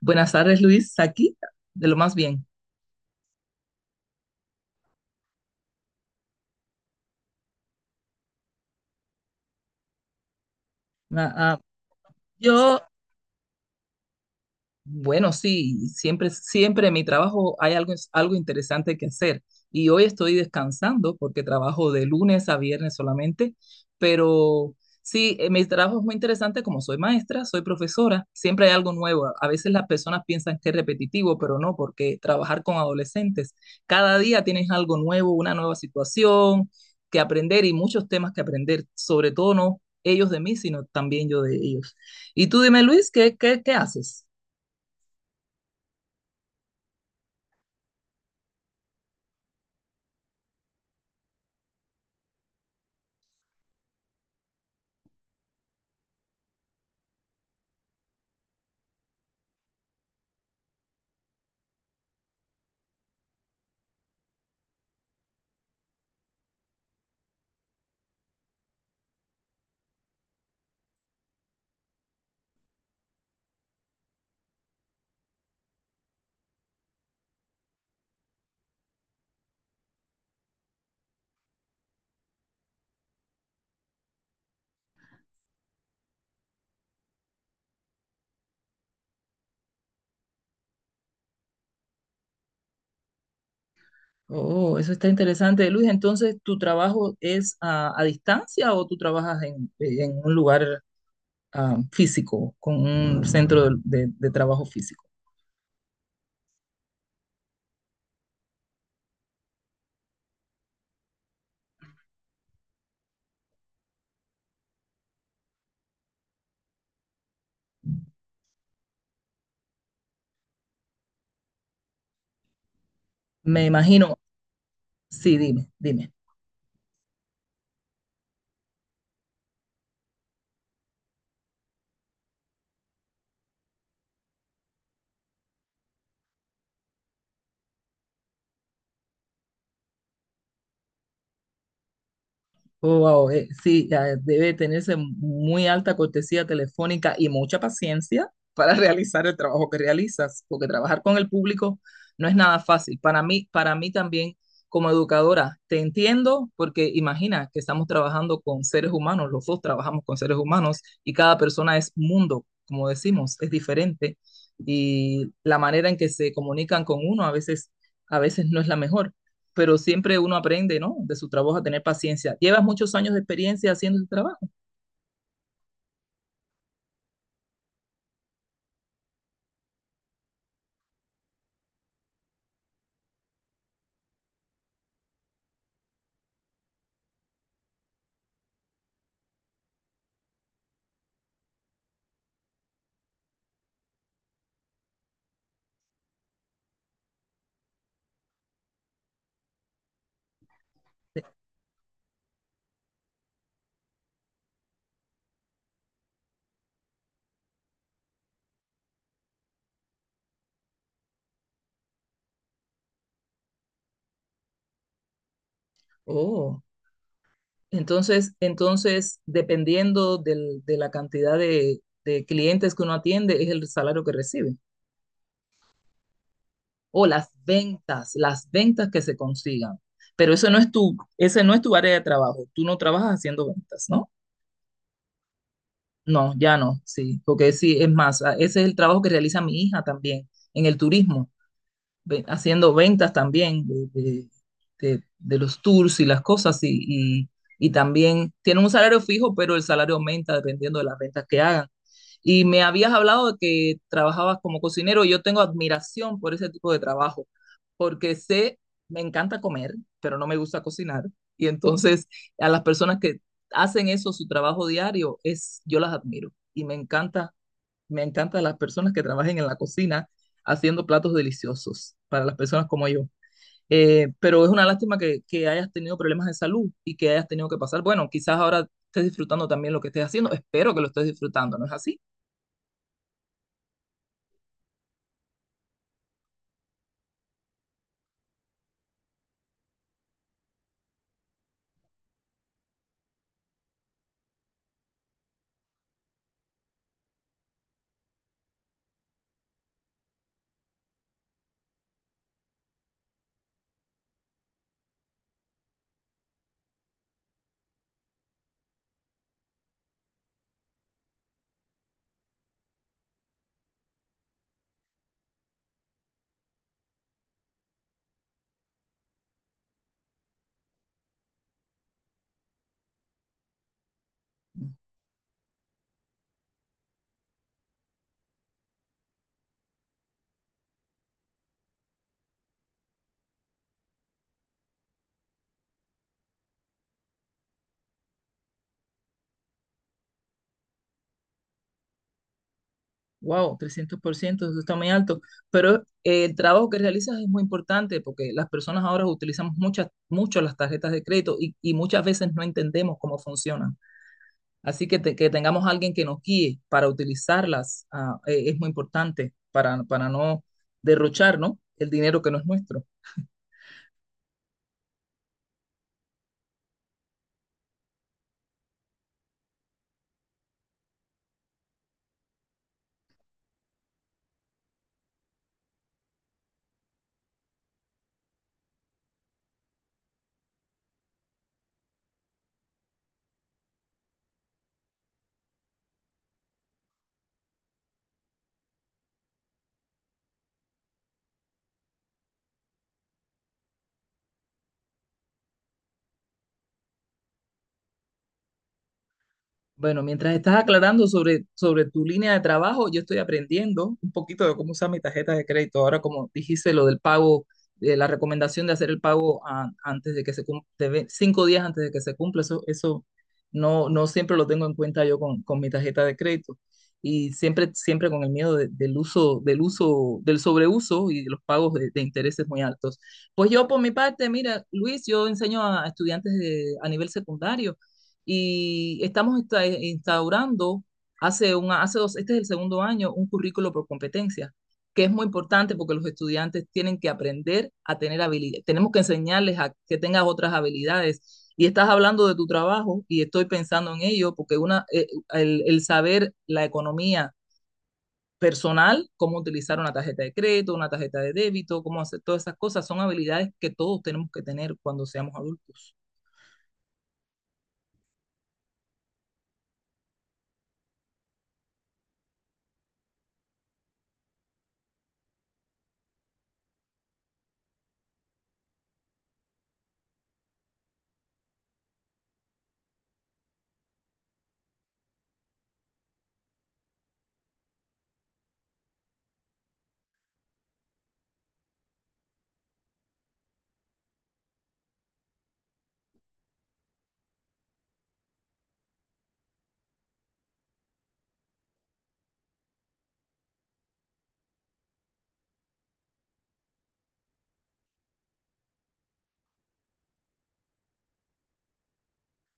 Buenas tardes, Luis, aquí, de lo más bien. Ah, ah, yo Bueno, sí, siempre en mi trabajo hay algo interesante que hacer. Y hoy estoy descansando porque trabajo de lunes a viernes solamente, pero sí, mi trabajo es muy interesante, como soy maestra, soy profesora, siempre hay algo nuevo. A veces las personas piensan que es repetitivo, pero no, porque trabajar con adolescentes, cada día tienes algo nuevo, una nueva situación que aprender y muchos temas que aprender, sobre todo no ellos de mí, sino también yo de ellos. Y tú dime, Luis, ¿qué haces? Oh, eso está interesante, Luis. Entonces, ¿tu trabajo es a distancia o tú trabajas en un lugar físico, con un centro de trabajo físico? Me imagino, sí, dime, dime. Oh, wow, sí, ya debe tenerse muy alta cortesía telefónica y mucha paciencia para realizar el trabajo que realizas, porque trabajar con el público no es nada fácil. Para mí también, como educadora, te entiendo, porque imagina que estamos trabajando con seres humanos, los dos trabajamos con seres humanos y cada persona es un mundo, como decimos, es diferente, y la manera en que se comunican con uno a veces no es la mejor, pero siempre uno aprende, ¿no? De su trabajo, a tener paciencia. Llevas muchos años de experiencia haciendo el trabajo. Oh, entonces, dependiendo de la cantidad de clientes que uno atiende, es el salario que recibe. O las ventas que se consigan. Pero eso no es tu, ese no es tu área de trabajo. Tú no trabajas haciendo ventas, ¿no? No, ya no, sí, porque sí, es más, ese es el trabajo que realiza mi hija también en el turismo. Haciendo ventas también de los tours y las cosas y- y también tienen un salario fijo, pero el salario aumenta dependiendo de las ventas que hagan. Y me habías hablado de que trabajabas como cocinero. Yo tengo admiración por ese tipo de trabajo, porque sé, me encanta comer, pero no me gusta cocinar. Y entonces a las personas que hacen eso, su trabajo diario, es, yo las admiro y me encantan las personas que trabajen en la cocina haciendo platos deliciosos para las personas como yo. Pero es una lástima que hayas tenido problemas de salud y que hayas tenido que pasar. Bueno, quizás ahora estés disfrutando también lo que estés haciendo. Espero que lo estés disfrutando, ¿no es así? Wow, 300%, eso está muy alto. Pero el trabajo que realizas es muy importante porque las personas ahora utilizamos muchas, mucho las tarjetas de crédito y muchas veces no entendemos cómo funcionan. Así que, que tengamos alguien que nos guíe para utilizarlas, es muy importante para no derrochar, ¿no?, el dinero que no es nuestro. Bueno, mientras estás aclarando sobre tu línea de trabajo, yo estoy aprendiendo un poquito de cómo usar mi tarjeta de crédito. Ahora, como dijiste, lo del pago, de la recomendación de hacer el pago antes de que se cumpla, 5 días antes de que se cumpla, eso no siempre lo tengo en cuenta yo con mi tarjeta de crédito. Y siempre con el miedo del uso, del sobreuso y de los pagos de intereses muy altos. Pues yo, por mi parte, mira, Luis, yo enseño a estudiantes a nivel secundario, y estamos instaurando hace dos, este es el segundo año, un currículo por competencia, que es muy importante porque los estudiantes tienen que aprender a tener habilidades, tenemos que enseñarles a que tengas otras habilidades. Y estás hablando de tu trabajo y estoy pensando en ello porque el saber la economía personal, cómo utilizar una tarjeta de crédito, una tarjeta de débito, cómo hacer todas esas cosas, son habilidades que todos tenemos que tener cuando seamos adultos.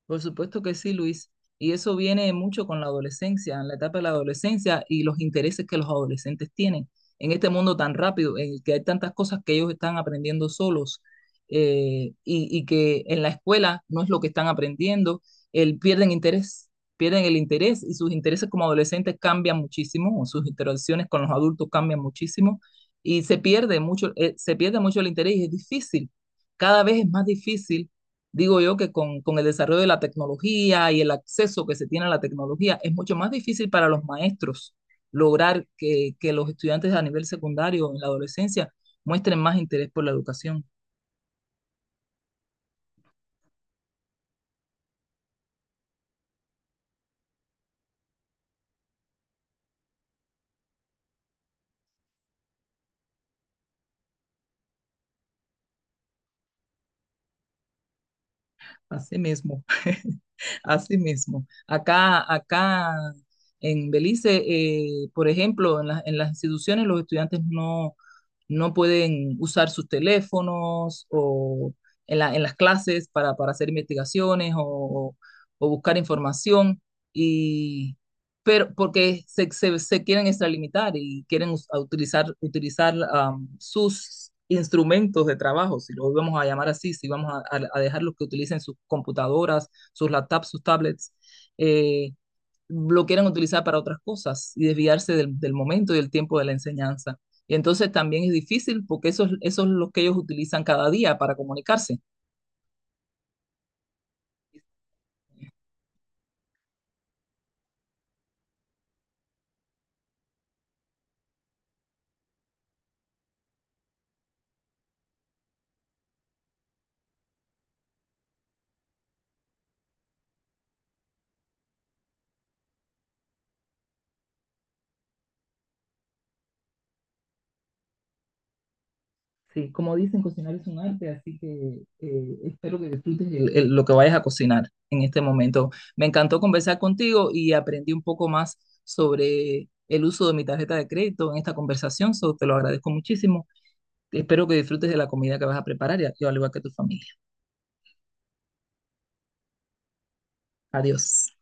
Por supuesto que sí, Luis. Y eso viene mucho con la adolescencia, en la etapa de la adolescencia y los intereses que los adolescentes tienen en este mundo tan rápido, en el que hay tantas cosas que ellos están aprendiendo solos, y que en la escuela no es lo que están aprendiendo, pierden interés, pierden el interés, y sus intereses como adolescentes cambian muchísimo, o sus interacciones con los adultos cambian muchísimo y se pierde mucho el interés, y es difícil, cada vez es más difícil. Digo yo que con el desarrollo de la tecnología y el acceso que se tiene a la tecnología, es mucho más difícil para los maestros lograr que los estudiantes a nivel secundario en la adolescencia muestren más interés por la educación. Así mismo, así mismo. Acá en Belice, por ejemplo, en las instituciones los estudiantes no pueden usar sus teléfonos o en las clases para hacer investigaciones o buscar información. Y pero porque se quieren extralimitar y quieren a utilizar sus instrumentos de trabajo, si los vamos a llamar así, si vamos a dejarlos que utilicen sus computadoras, sus laptops, sus tablets, eh, lo quieren utilizar para otras cosas y desviarse del momento y del tiempo de la enseñanza. Y entonces también es difícil porque eso es lo que ellos utilizan cada día para comunicarse. Sí, como dicen, cocinar es un arte, así que espero que disfrutes lo que vayas a cocinar en este momento. Me encantó conversar contigo y aprendí un poco más sobre el uso de mi tarjeta de crédito en esta conversación, so, te lo agradezco muchísimo. Espero que disfrutes de la comida que vas a preparar, y, al igual que tu familia. Adiós.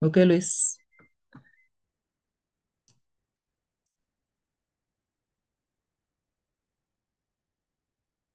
Ok, Luis.